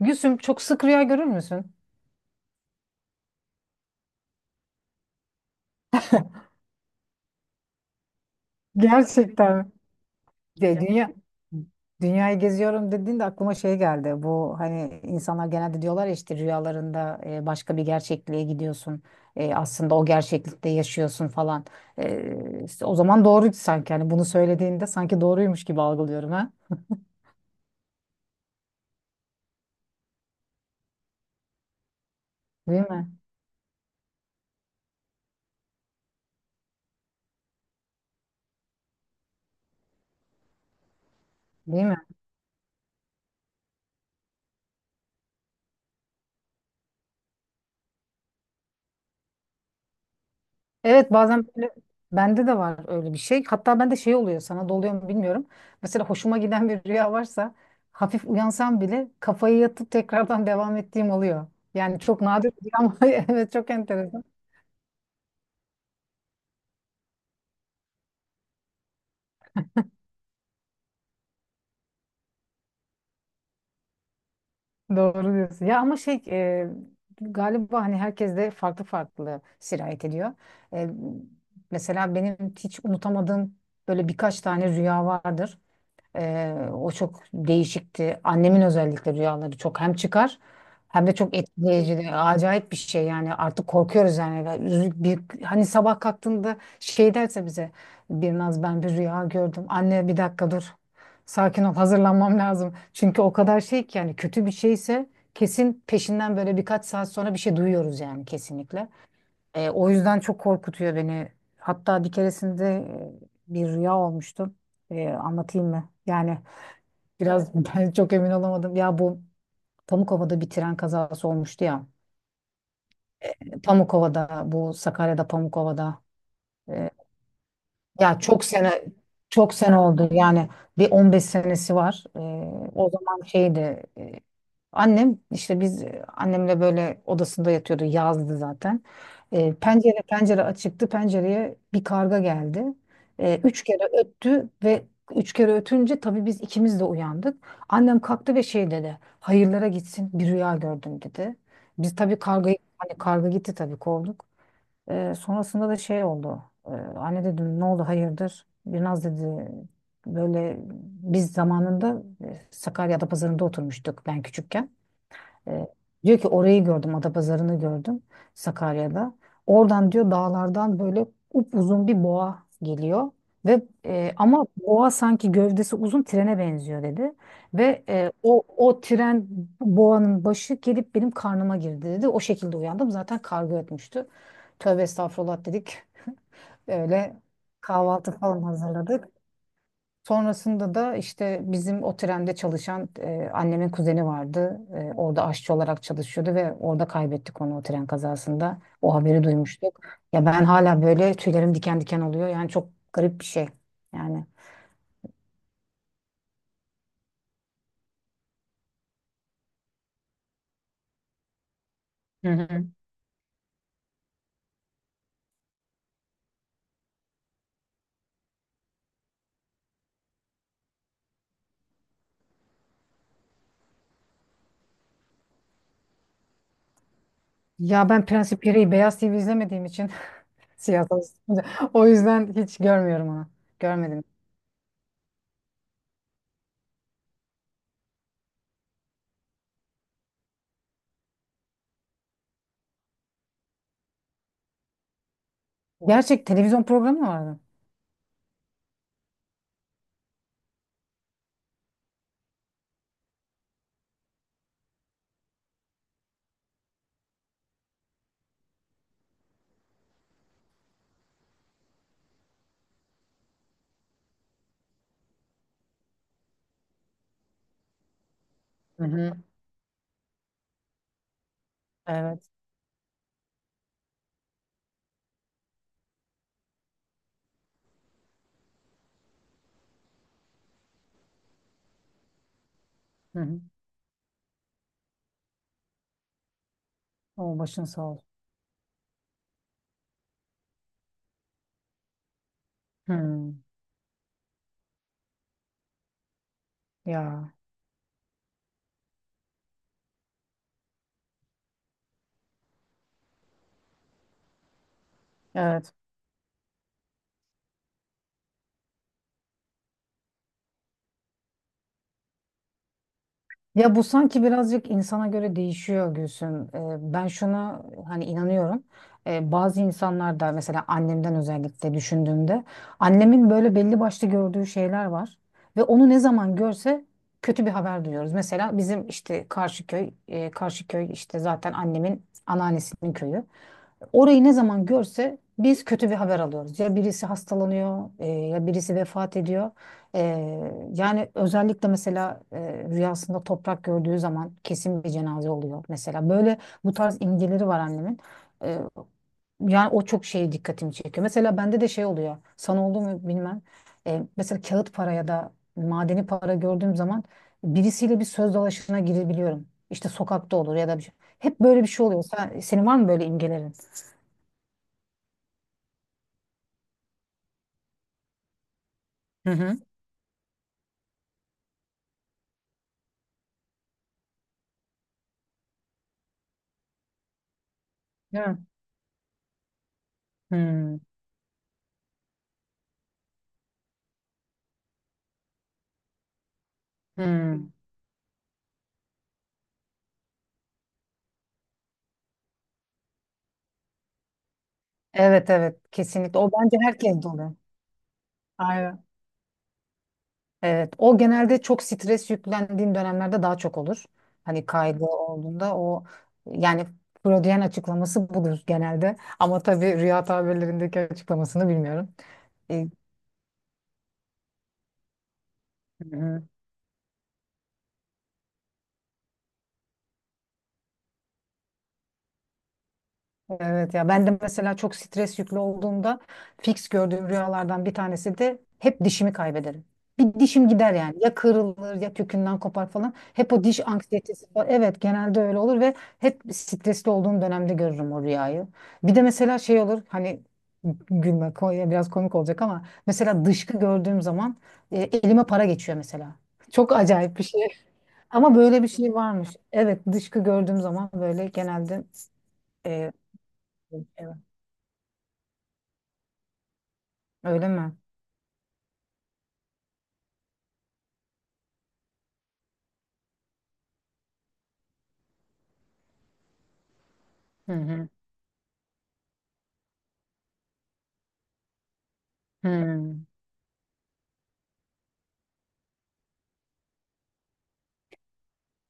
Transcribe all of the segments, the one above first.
Gülsüm çok sık rüya görür müsün? Gerçekten mi? De, dünya dünyayı geziyorum dediğinde aklıma şey geldi. Bu hani insanlar genelde diyorlar ya işte rüyalarında başka bir gerçekliğe gidiyorsun. Aslında o gerçeklikte yaşıyorsun falan. İşte o zaman doğruydu sanki. Hani bunu söylediğinde sanki doğruymuş gibi algılıyorum ha. Değil mi? Değil mi? Evet, bazen böyle bende de var öyle bir şey. Hatta bende şey oluyor, sana da oluyor mu bilmiyorum. Mesela hoşuma giden bir rüya varsa hafif uyansam bile kafayı yatıp tekrardan devam ettiğim oluyor. Yani çok nadir bir rüya ama evet, çok enteresan. Doğru diyorsun. Ya ama şey, galiba hani herkes de farklı farklı sirayet ediyor. E, Mesela benim hiç unutamadığım böyle birkaç tane rüya vardır. O çok değişikti. Annemin özellikle rüyaları çok hem çıkar hem de çok etkileyici, acayip bir şey yani, artık korkuyoruz yani. Ya, bir, hani sabah kalktığında şey derse bize: bir ben bir rüya gördüm. Anne bir dakika dur. Sakin ol, hazırlanmam lazım. Çünkü o kadar şey ki, yani kötü bir şeyse kesin peşinden böyle birkaç saat sonra bir şey duyuyoruz yani, kesinlikle. O yüzden çok korkutuyor beni. Hatta bir keresinde bir rüya olmuştu. Anlatayım mı? Yani biraz ben çok emin olamadım. Ya bu Pamukova'da bir tren kazası olmuştu ya. Pamukova'da, bu Sakarya'da, Pamukova'da. Ee, Ya, çok sene oldu. Yani bir 15 senesi var. O zaman şeydi, annem işte biz, annemle böyle odasında yatıyordu, yazdı zaten. Pencere açıktı, pencereye bir karga geldi. Üç kere öttü ve üç kere ötünce tabii biz ikimiz de uyandık. Annem kalktı ve şey dedi: hayırlara gitsin, bir rüya gördüm, dedi. Biz tabii kargayı, hani karga gitti tabii, kovduk. Sonrasında da şey oldu. Anne dedim, ne oldu, hayırdır? Biraz dedi böyle, biz zamanında Sakarya'da pazarında oturmuştuk, ben küçükken. E, Diyor ki, orayı gördüm, Adapazarı'nı gördüm, Sakarya'da. Oradan diyor dağlardan böyle upuzun bir boğa geliyor. Ve ama boğa sanki gövdesi uzun, trene benziyor dedi. Ve o tren boğanın başı gelip benim karnıma girdi dedi. O şekilde uyandım. Zaten kargo etmişti. Tövbe estağfurullah dedik. Öyle kahvaltı falan hazırladık. Sonrasında da işte bizim o trende çalışan annemin kuzeni vardı. Orada aşçı olarak çalışıyordu ve orada kaybettik onu, o tren kazasında. O haberi duymuştuk. Ya ben hala böyle tüylerim diken diken oluyor. Yani çok garip bir şey. Yani. Hı hı. Ya ben prensip gereği Beyaz TV izlemediğim için, siyasal, o yüzden hiç görmüyorum onu. Görmedim. Gerçek televizyon programı mı vardı? Hı hı. Evet. Hı hı. O, başın sağ olsun. Hmm. Ya. Evet. Ya bu sanki birazcık insana göre değişiyor Gülsüm. Ben şuna hani inanıyorum. Bazı insanlar da mesela, annemden özellikle düşündüğümde, annemin böyle belli başlı gördüğü şeyler var ve onu ne zaman görse kötü bir haber duyuyoruz. Mesela bizim işte Karşıköy, Karşıköy işte zaten annemin anneannesinin köyü. Orayı ne zaman görse biz kötü bir haber alıyoruz. Ya birisi hastalanıyor, ya birisi vefat ediyor. E, Yani özellikle mesela rüyasında toprak gördüğü zaman kesin bir cenaze oluyor. Mesela böyle bu tarz imgeleri var annemin. E, Yani o çok şeye dikkatimi çekiyor. Mesela bende de şey oluyor, sana oldu mu bilmem. Mesela kağıt para ya da madeni para gördüğüm zaman birisiyle bir söz dalaşına girebiliyorum. İşte sokakta olur ya da bir şey. Hep böyle bir şey oluyor. Senin var mı böyle imgelerin? Hı hı. Değil mi? Hmm, hmm. Evet evet, kesinlikle. O bence herkes dolu. Aynen. Evet. O genelde çok stres yüklendiğin dönemlerde daha çok olur. Hani kaygı olduğunda o, yani Freudian açıklaması budur genelde. Ama tabii rüya tabirlerindeki açıklamasını bilmiyorum. E, hı. Evet, ya ben de mesela çok stres yüklü olduğumda fix gördüğüm rüyalardan bir tanesi de hep dişimi kaybederim. Bir dişim gider yani, ya kırılır ya kökünden kopar falan. Hep o diş anksiyetesi falan. Evet, genelde öyle olur ve hep stresli olduğum dönemde görürüm o rüyayı. Bir de mesela şey olur hani, biraz komik olacak ama mesela dışkı gördüğüm zaman elime para geçiyor mesela. Çok acayip bir şey. Ama böyle bir şey varmış. Evet, dışkı gördüğüm zaman böyle genelde, e, evet. Öyle mi? Hı hı. Hı.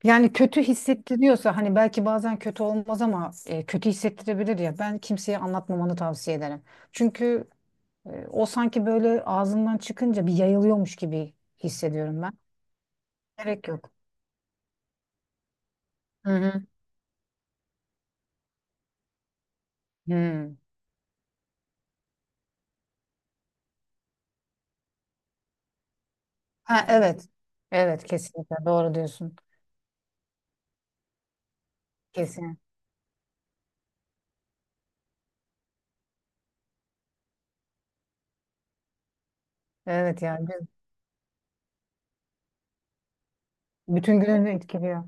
Yani kötü hissettiriyorsa hani, belki bazen kötü olmaz ama kötü hissettirebilir ya. Ben kimseye anlatmamanı tavsiye ederim. Çünkü o sanki böyle ağzından çıkınca bir yayılıyormuş gibi hissediyorum ben. Gerek yok. Hı hı. Hı. Ha, evet. Evet kesinlikle, doğru diyorsun. Kesin. Evet yani bütün gününü etkiliyor.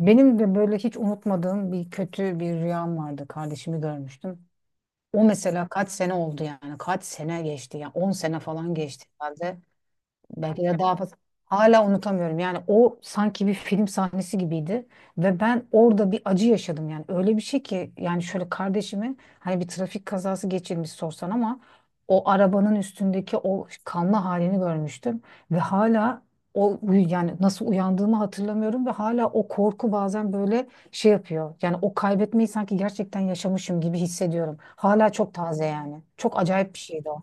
Benim de böyle hiç unutmadığım bir kötü bir rüyam vardı. Kardeşimi görmüştüm. O mesela kaç sene oldu yani? Kaç sene geçti ya? 10 sene falan geçti herhalde. Belki de daha fazla. Hala unutamıyorum. Yani o sanki bir film sahnesi gibiydi ve ben orada bir acı yaşadım yani. Öyle bir şey ki yani, şöyle kardeşimi hani bir trafik kazası geçirmiş sorsan ama o arabanın üstündeki o kanlı halini görmüştüm ve hala o, yani nasıl uyandığımı hatırlamıyorum ve hala o korku bazen böyle şey yapıyor. Yani o kaybetmeyi sanki gerçekten yaşamışım gibi hissediyorum. Hala çok taze yani. Çok acayip bir şeydi o.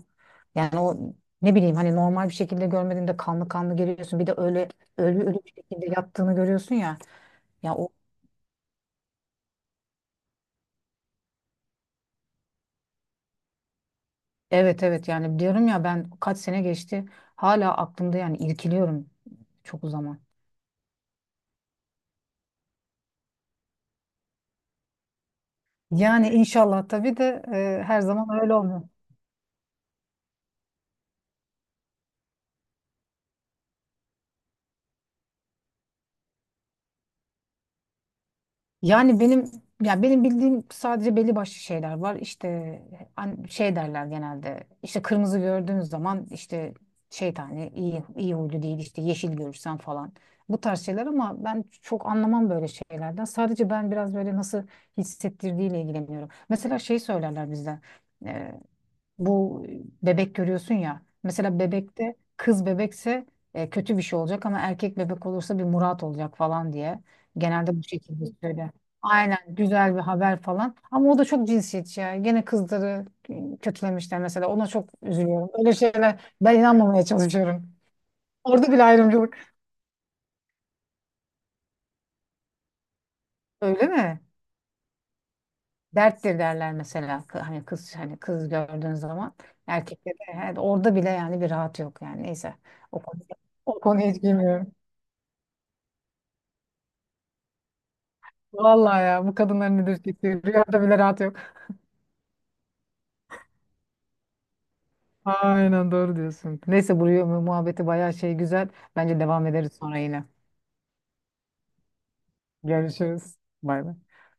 Yani o, ne bileyim, hani normal bir şekilde görmediğinde kanlı kanlı geliyorsun. Bir de öyle ölü ölü bir şekilde yattığını görüyorsun ya. Ya o, evet evet, yani diyorum ya, ben kaç sene geçti hala aklımda, yani irkiliyorum çok o zaman. Yani inşallah, tabii de her zaman öyle olmuyor. Yani benim, ya benim bildiğim sadece belli başlı şeyler var. İşte şey derler genelde. İşte kırmızı gördüğün zaman işte şeytani, iyi huylu değil, işte yeşil görürsen falan. Bu tarz şeyler, ama ben çok anlamam böyle şeylerden. Sadece ben biraz böyle nasıl hissettirdiğiyle ilgileniyorum. Mesela şey söylerler bizde. Bu, bebek görüyorsun ya. Mesela bebekte kız bebekse kötü bir şey olacak ama erkek bebek olursa bir murat olacak falan diye. Genelde bu şekilde söyle. Aynen, güzel bir haber falan. Ama o da çok cinsiyetçi ya. Gene kızları kötülemişler mesela. Ona çok üzülüyorum. Öyle şeyler ben inanmamaya çalışıyorum. Orada bile ayrımcılık. Öyle mi? Derttir derler mesela. Hani kız, hani kız gördüğün zaman erkekte de, orada bile yani bir rahat yok yani. Neyse. O konuya, o konuya hiç girmiyorum. Vallahi ya, bu kadınların ne dürtüsü, rüyada bile rahat yok. Aynen, doğru diyorsun. Neyse, bu rüya muhabbeti bayağı şey, güzel. Bence devam ederiz sonra yine. Görüşürüz. Bay bay.